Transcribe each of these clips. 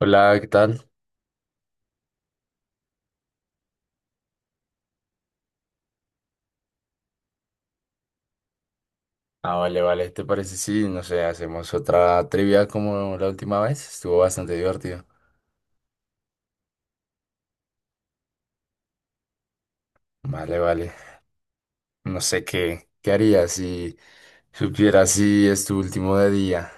Hola, ¿qué tal? Ah, vale, vale. ¿Te parece si, no sé, hacemos otra trivia como la última vez? Estuvo bastante divertido. Vale, vale. No sé qué harías si supieras si es tu último de día.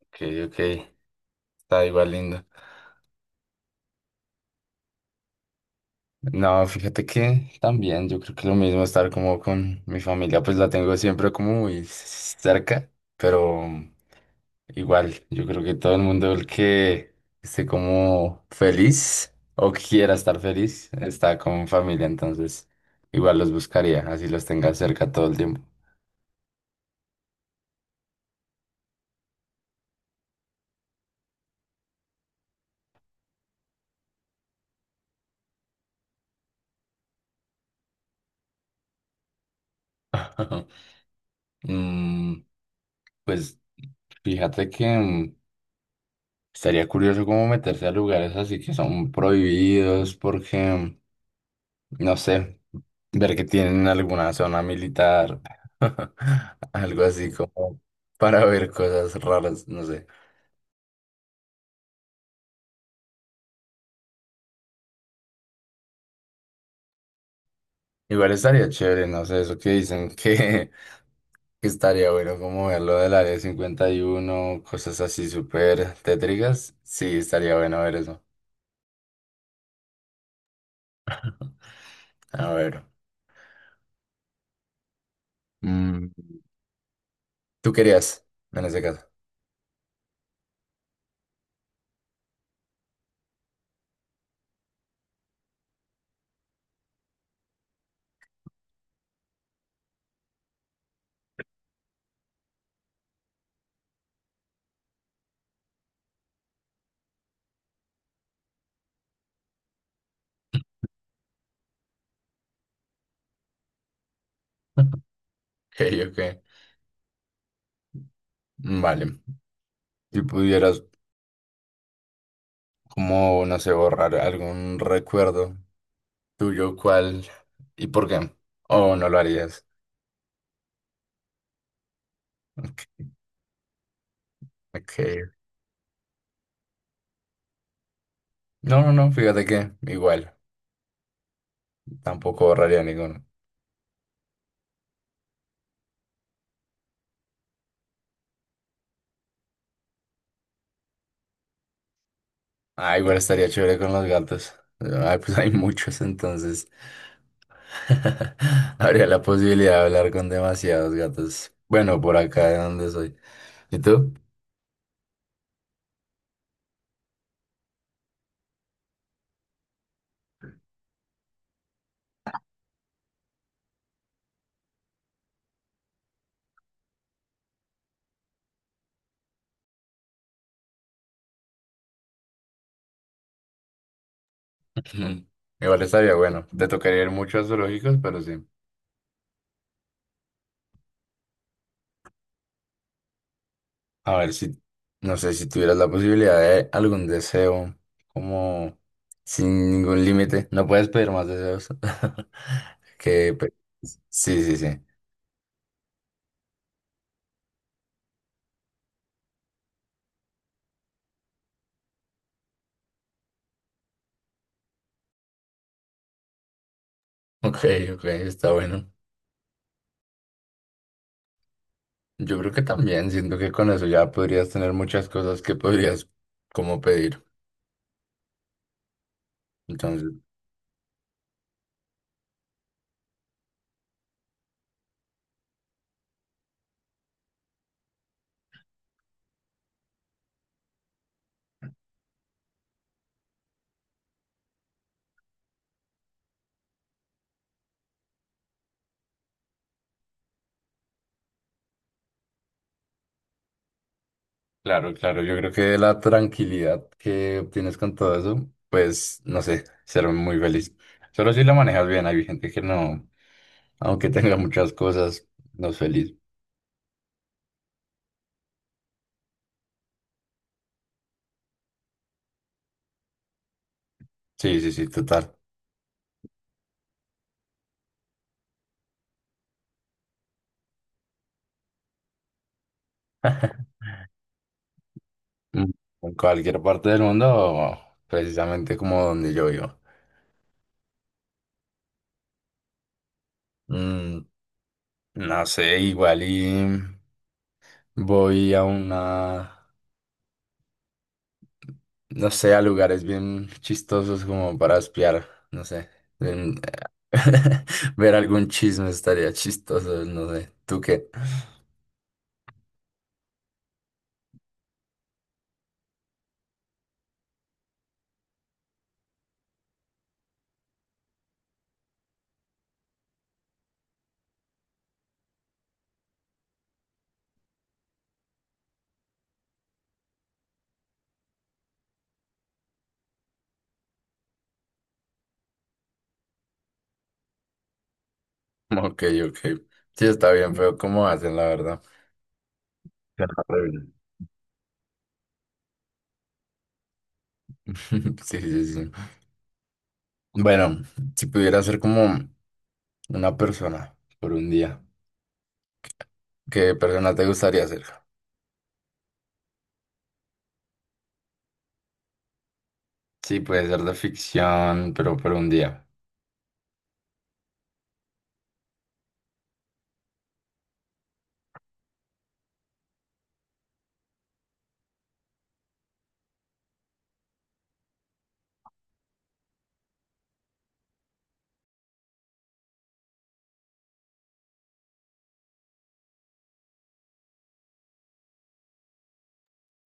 Ok, ok. Está igual lindo. No, fíjate que también yo creo que lo mismo estar como con mi familia, pues la tengo siempre como muy cerca, pero igual, yo creo que todo el mundo el que esté como feliz o quiera estar feliz está con familia, entonces igual los buscaría, así los tenga cerca todo el tiempo. Mm, pues fíjate que estaría curioso como meterse a lugares así que son prohibidos porque, no sé, ver que tienen alguna zona militar, algo así como para ver cosas raras, no sé. Igual estaría chévere, no sé, eso que dicen que, que estaría bueno como verlo del área 51, cosas así súper tétricas. Sí, estaría bueno ver eso. A ver, mm, tú querías, en ese caso. Ok, ok. Vale. Si pudieras, como, no sé, borrar algún recuerdo tuyo, ¿cuál y por qué? ¿O no lo harías? Ok, ok. No, no, no, fíjate que igual, tampoco borraría ninguno. Ah, igual estaría chévere con los gatos. Ay, pues hay muchos, entonces habría la posibilidad de hablar con demasiados gatos. Bueno, por acá de donde soy. ¿Y tú? Ujú. Igual estaría bueno. Te tocaría ir mucho a zoológicos, pero sí. A ver si, no sé, si tuvieras la posibilidad de algún deseo, como sin ningún límite. No puedes pedir más deseos. Que, pe- sí, sí, sí. Ok, ok, está bueno. Yo creo que también, siento que con eso ya podrías tener muchas cosas que podrías como pedir. Entonces, claro, claro, yo creo que la tranquilidad que obtienes con todo eso, pues no sé, ser muy feliz. Solo si la manejas bien, hay gente que no, aunque tenga muchas cosas, no es feliz. Sí, sí, sí, total. Mm. En cualquier parte del mundo, precisamente como donde yo vivo. Mm, no sé, igual y voy a una no sé, a lugares bien chistosos como para espiar, no sé. en- Ver algún chisme estaría chistoso, no sé. ¿Tú qué? Ok, ok. Sí, está bien, pero ¿cómo hacen, la verdad? Suena horrible. Sí, sí, sí. Bueno, si pudiera ser como una persona por un día, ¿qué persona te gustaría ser? Sí, puede ser de ficción, pero por un día.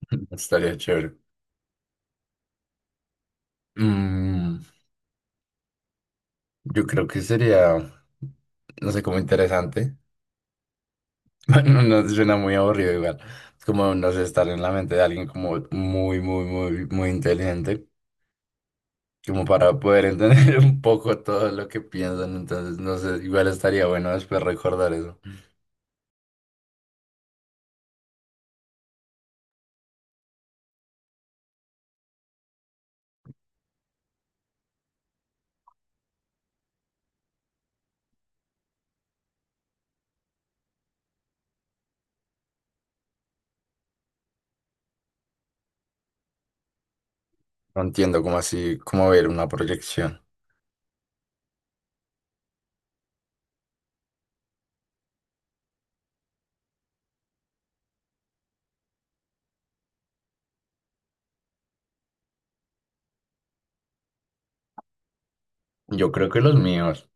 Estaría chévere. Mm, Yo creo que sería, no sé, como interesante. Bueno, no suena muy aburrido igual. Es como, no sé, estar en la mente de alguien como muy, muy, muy, muy inteligente, como para poder entender un poco todo lo que piensan. Entonces, no sé, igual estaría bueno después recordar eso. No entiendo cómo así, cómo ver una proyección. Yo creo que los míos,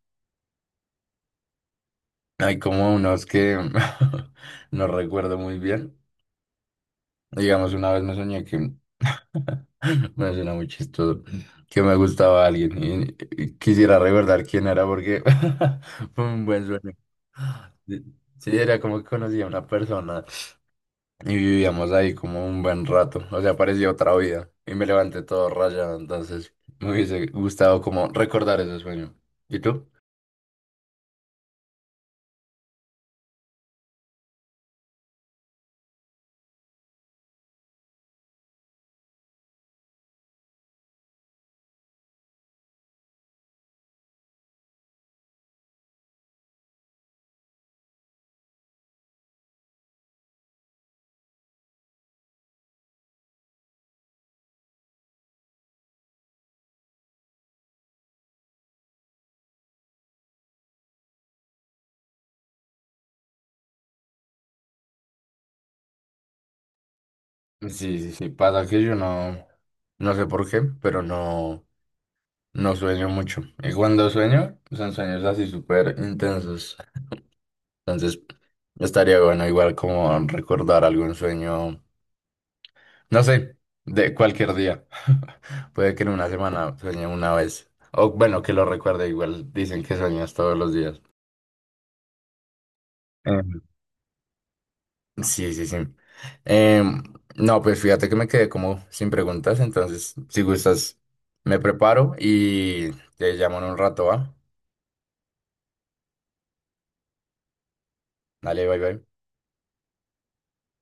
hay como unos que no recuerdo muy bien. Digamos, una vez me soñé que, me suena muy chistoso, que me gustaba alguien y quisiera recordar quién era porque fue un buen sueño. Sí, sí, era como que conocía a una persona y vivíamos ahí como un buen rato, o sea, parecía otra vida y me levanté todo rayado, entonces me hubiese gustado como recordar ese sueño. ¿Y tú? Sí, sí, sí, pasa que yo no, no sé por qué, pero no. No sueño mucho. Y cuando sueño, son sueños así súper intensos. Entonces, estaría bueno igual como recordar algún sueño, no sé, de cualquier día. Puede que en una semana sueñe una vez. O bueno, que lo recuerde igual. Dicen que sueñas todos los días. Em, sí, sí, sí. Em, no, pues fíjate que me quedé como sin preguntas. Entonces, si gustas, me preparo y te llamo en un rato, ¿va? Dale, bye, bye.